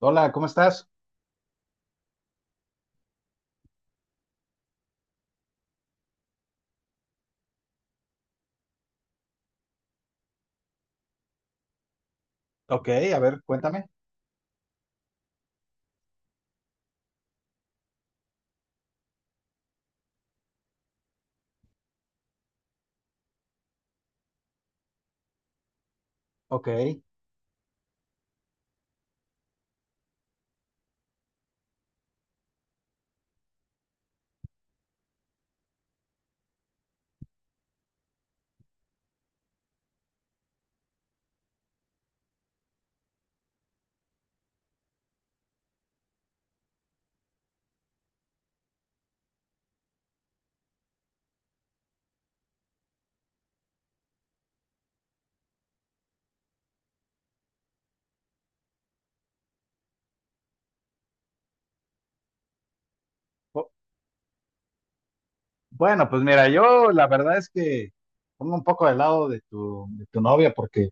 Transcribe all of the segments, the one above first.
Hola, ¿cómo estás? Ok, a ver, cuéntame. Ok. Bu- Bueno, pues mira, yo la verdad es que pongo un poco de lado de tu novia porque,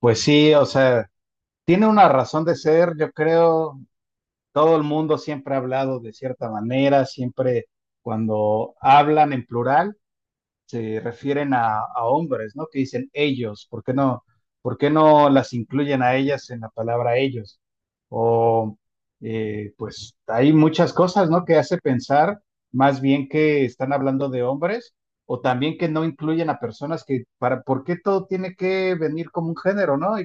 pues sí, o sea, tiene una razón de ser, yo creo, todo el mundo siempre ha hablado de cierta manera, siempre cuando hablan en plural, se refieren a hombres, ¿no? Que dicen ellos. ¿Por qué no, por qué no las incluyen a ellas en la palabra ellos? O pues hay muchas cosas, ¿no? Que hace pensar más bien que están hablando de hombres o también que no incluyen a personas que para, ¿por qué todo tiene que venir como un género, ¿no?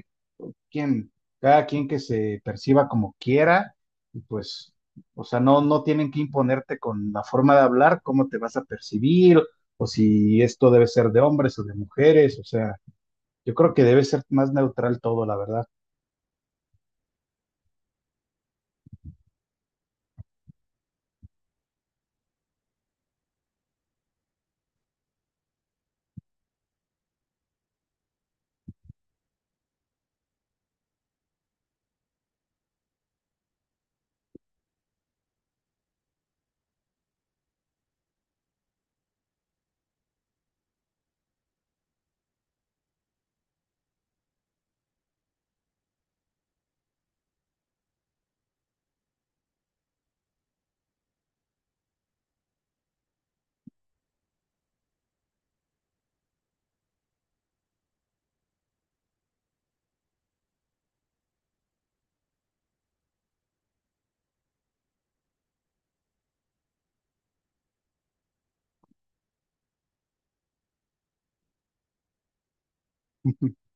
Quien, cada quien que se perciba como quiera, y pues, o sea, no, no tienen que imponerte con la forma de hablar, cómo te vas a percibir, o si esto debe ser de hombres o de mujeres. O sea, yo creo que debe ser más neutral todo, la verdad.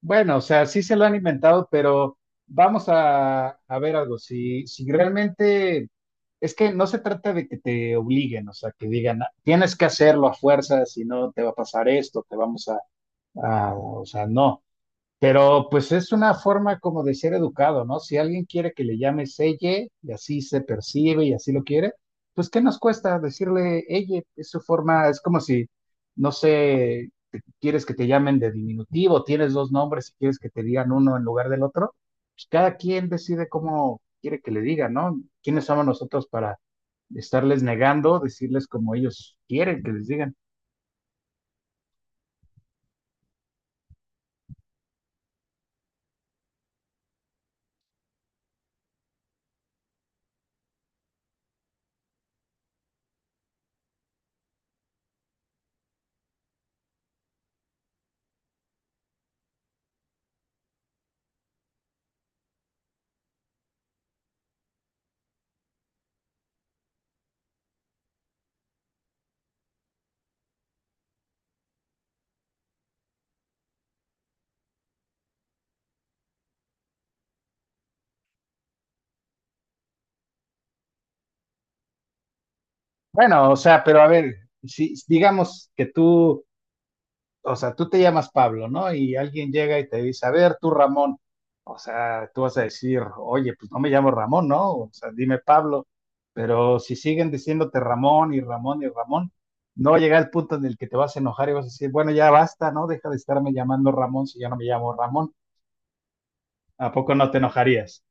Bueno, o sea, sí se lo han inventado, pero vamos a ver algo, si, si realmente... Es que no se trata de que te obliguen, o sea, que digan, "Ah, tienes que hacerlo a fuerza, si no te va a pasar esto, te vamos a", o sea, no. Pero pues es una forma como de ser educado, ¿no? Si alguien quiere que le llame ella y así se percibe y así lo quiere, pues ¿qué nos cuesta decirle ella? Es su forma, es como si, no sé, quieres que te llamen de diminutivo, tienes dos nombres y quieres que te digan uno en lugar del otro, pues cada quien decide cómo quiere que le diga, ¿no? ¿Quiénes somos nosotros para estarles negando, decirles como ellos quieren que les digan? Bueno, o sea, pero a ver, si digamos que tú, o sea, tú te llamas Pablo, ¿no? Y alguien llega y te dice, a ver, tú Ramón, o sea, tú vas a decir, oye, pues no me llamo Ramón, ¿no? O sea, dime Pablo, pero si siguen diciéndote Ramón y Ramón y Ramón, no va a llegar el punto en el que te vas a enojar y vas a decir, bueno, ya basta, ¿no? Deja de estarme llamando Ramón si ya no me llamo Ramón. ¿A poco no te enojarías?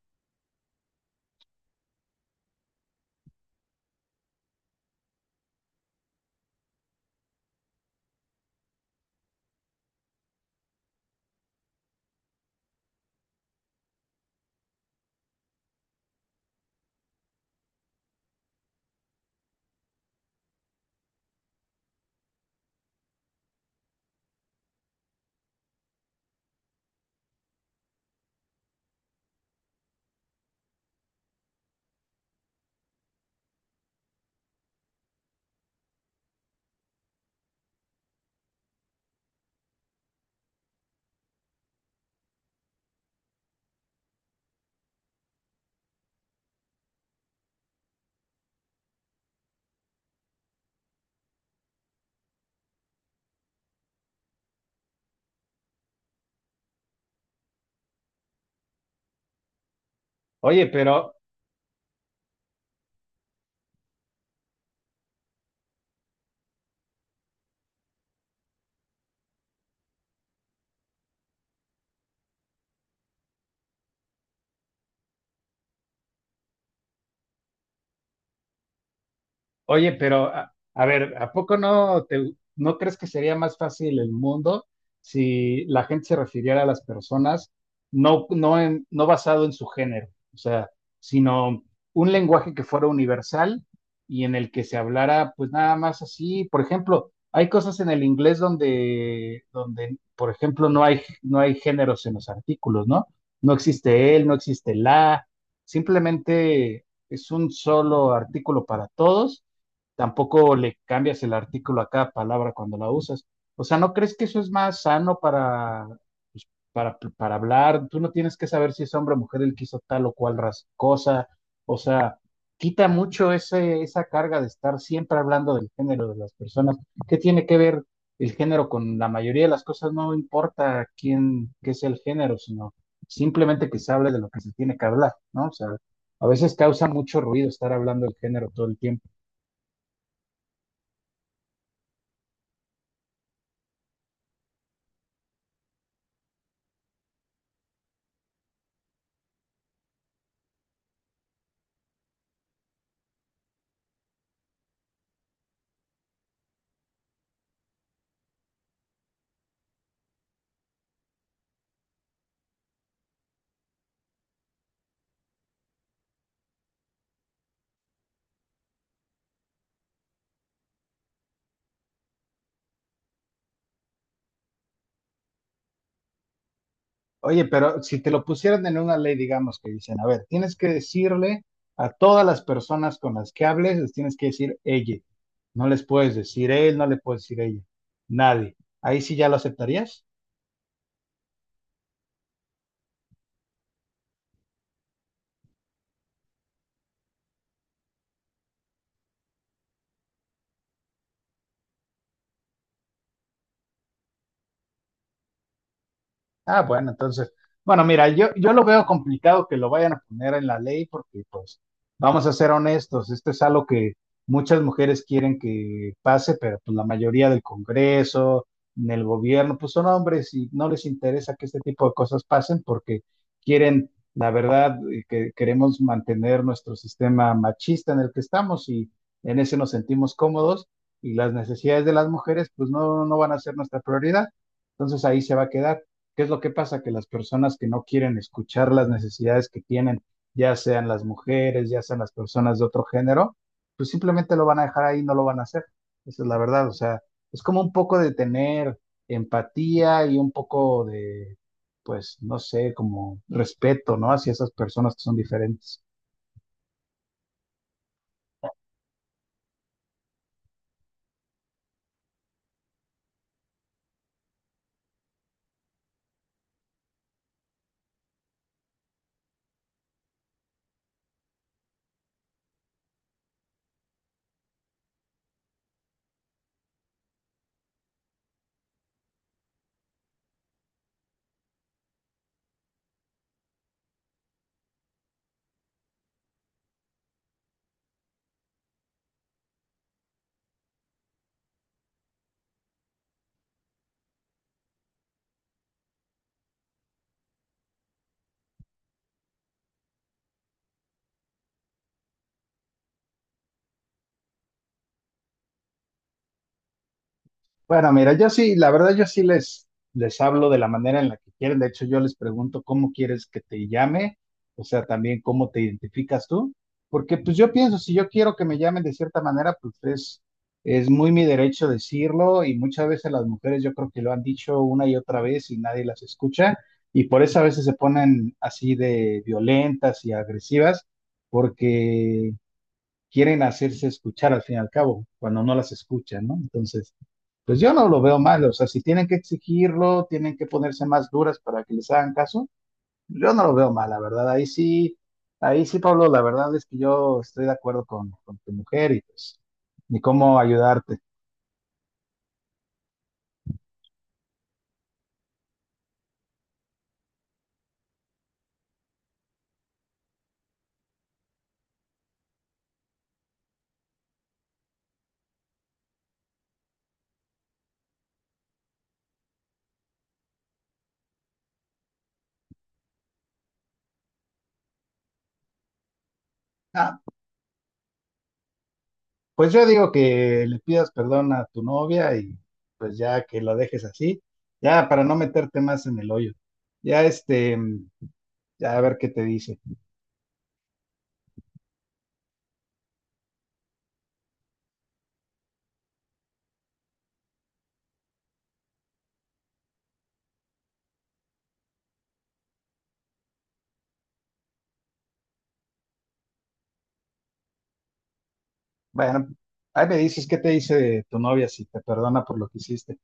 Oye, pero oye, pero a ver, ¿a poco no te, no crees que sería más fácil el mundo si la gente se refiriera a las personas no, no, no basado en su género, o sea, sino un lenguaje que fuera universal y en el que se hablara pues nada más así? Por ejemplo, hay cosas en el inglés donde, donde, por ejemplo, no hay, no hay géneros en los artículos, ¿no? No existe él, no existe la, simplemente es un solo artículo para todos, tampoco le cambias el artículo a cada palabra cuando la usas. O sea, ¿no crees que eso es más sano para, pues, para hablar? Tú no tienes que saber si es hombre o mujer el que hizo tal o cual cosa. O sea, quita mucho ese, esa carga de estar siempre hablando del género de las personas. ¿Qué tiene que ver el género con la mayoría de las cosas? No importa quién, qué sea el género, sino simplemente que se hable de lo que se tiene que hablar, ¿no? O sea, a veces causa mucho ruido estar hablando del género todo el tiempo. Oye, pero si te lo pusieran en una ley, digamos que dicen, a ver, tienes que decirle a todas las personas con las que hables, les tienes que decir ella. No les puedes decir él, no le puedes decir ella. Nadie. Ahí sí ya lo aceptarías. Ah, bueno, entonces, bueno, mira, yo lo veo complicado que lo vayan a poner en la ley porque, pues, vamos a ser honestos, esto es algo que muchas mujeres quieren que pase, pero pues la mayoría del Congreso, en el gobierno, pues son hombres y no les interesa que este tipo de cosas pasen porque quieren, la verdad, que queremos mantener nuestro sistema machista en el que estamos y en ese nos sentimos cómodos y las necesidades de las mujeres, pues no, no van a ser nuestra prioridad. Entonces ahí se va a quedar. ¿Qué es lo que pasa? Que las personas que no quieren escuchar las necesidades que tienen, ya sean las mujeres, ya sean las personas de otro género, pues simplemente lo van a dejar, ahí no lo van a hacer. Esa es la verdad. O sea, es como un poco de tener empatía y un poco de, pues, no sé, como respeto, ¿no? Hacia esas personas que son diferentes. Bueno, mira, yo sí, la verdad les hablo de la manera en la que quieren. De hecho, yo les pregunto cómo quieres que te llame, o sea, también cómo te identificas tú, porque pues yo pienso, si yo quiero que me llamen de cierta manera, pues es muy mi derecho decirlo, y muchas veces las mujeres yo creo que lo han dicho una y otra vez y nadie las escucha y por eso a veces se ponen así de violentas y agresivas, porque quieren hacerse escuchar al fin y al cabo, cuando no las escuchan, ¿no? Entonces, pues yo no lo veo mal, o sea, si tienen que exigirlo, tienen que ponerse más duras para que les hagan caso, yo no lo veo mal, la verdad, ahí sí, Pablo, la verdad es que yo estoy de acuerdo con tu mujer y pues, ni cómo ayudarte. Ah, pues yo digo que le pidas perdón a tu novia y pues ya que la dejes así, ya para no meterte más en el hoyo, ya este, ya a ver qué te dice. Bueno, ahí me dices qué te dice tu novia si te perdona por lo que hiciste.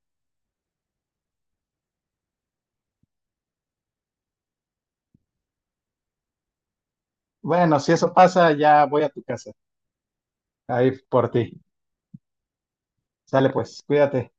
Bueno, si eso pasa, ya voy a tu casa. Ahí por ti. Sale pues, cuídate.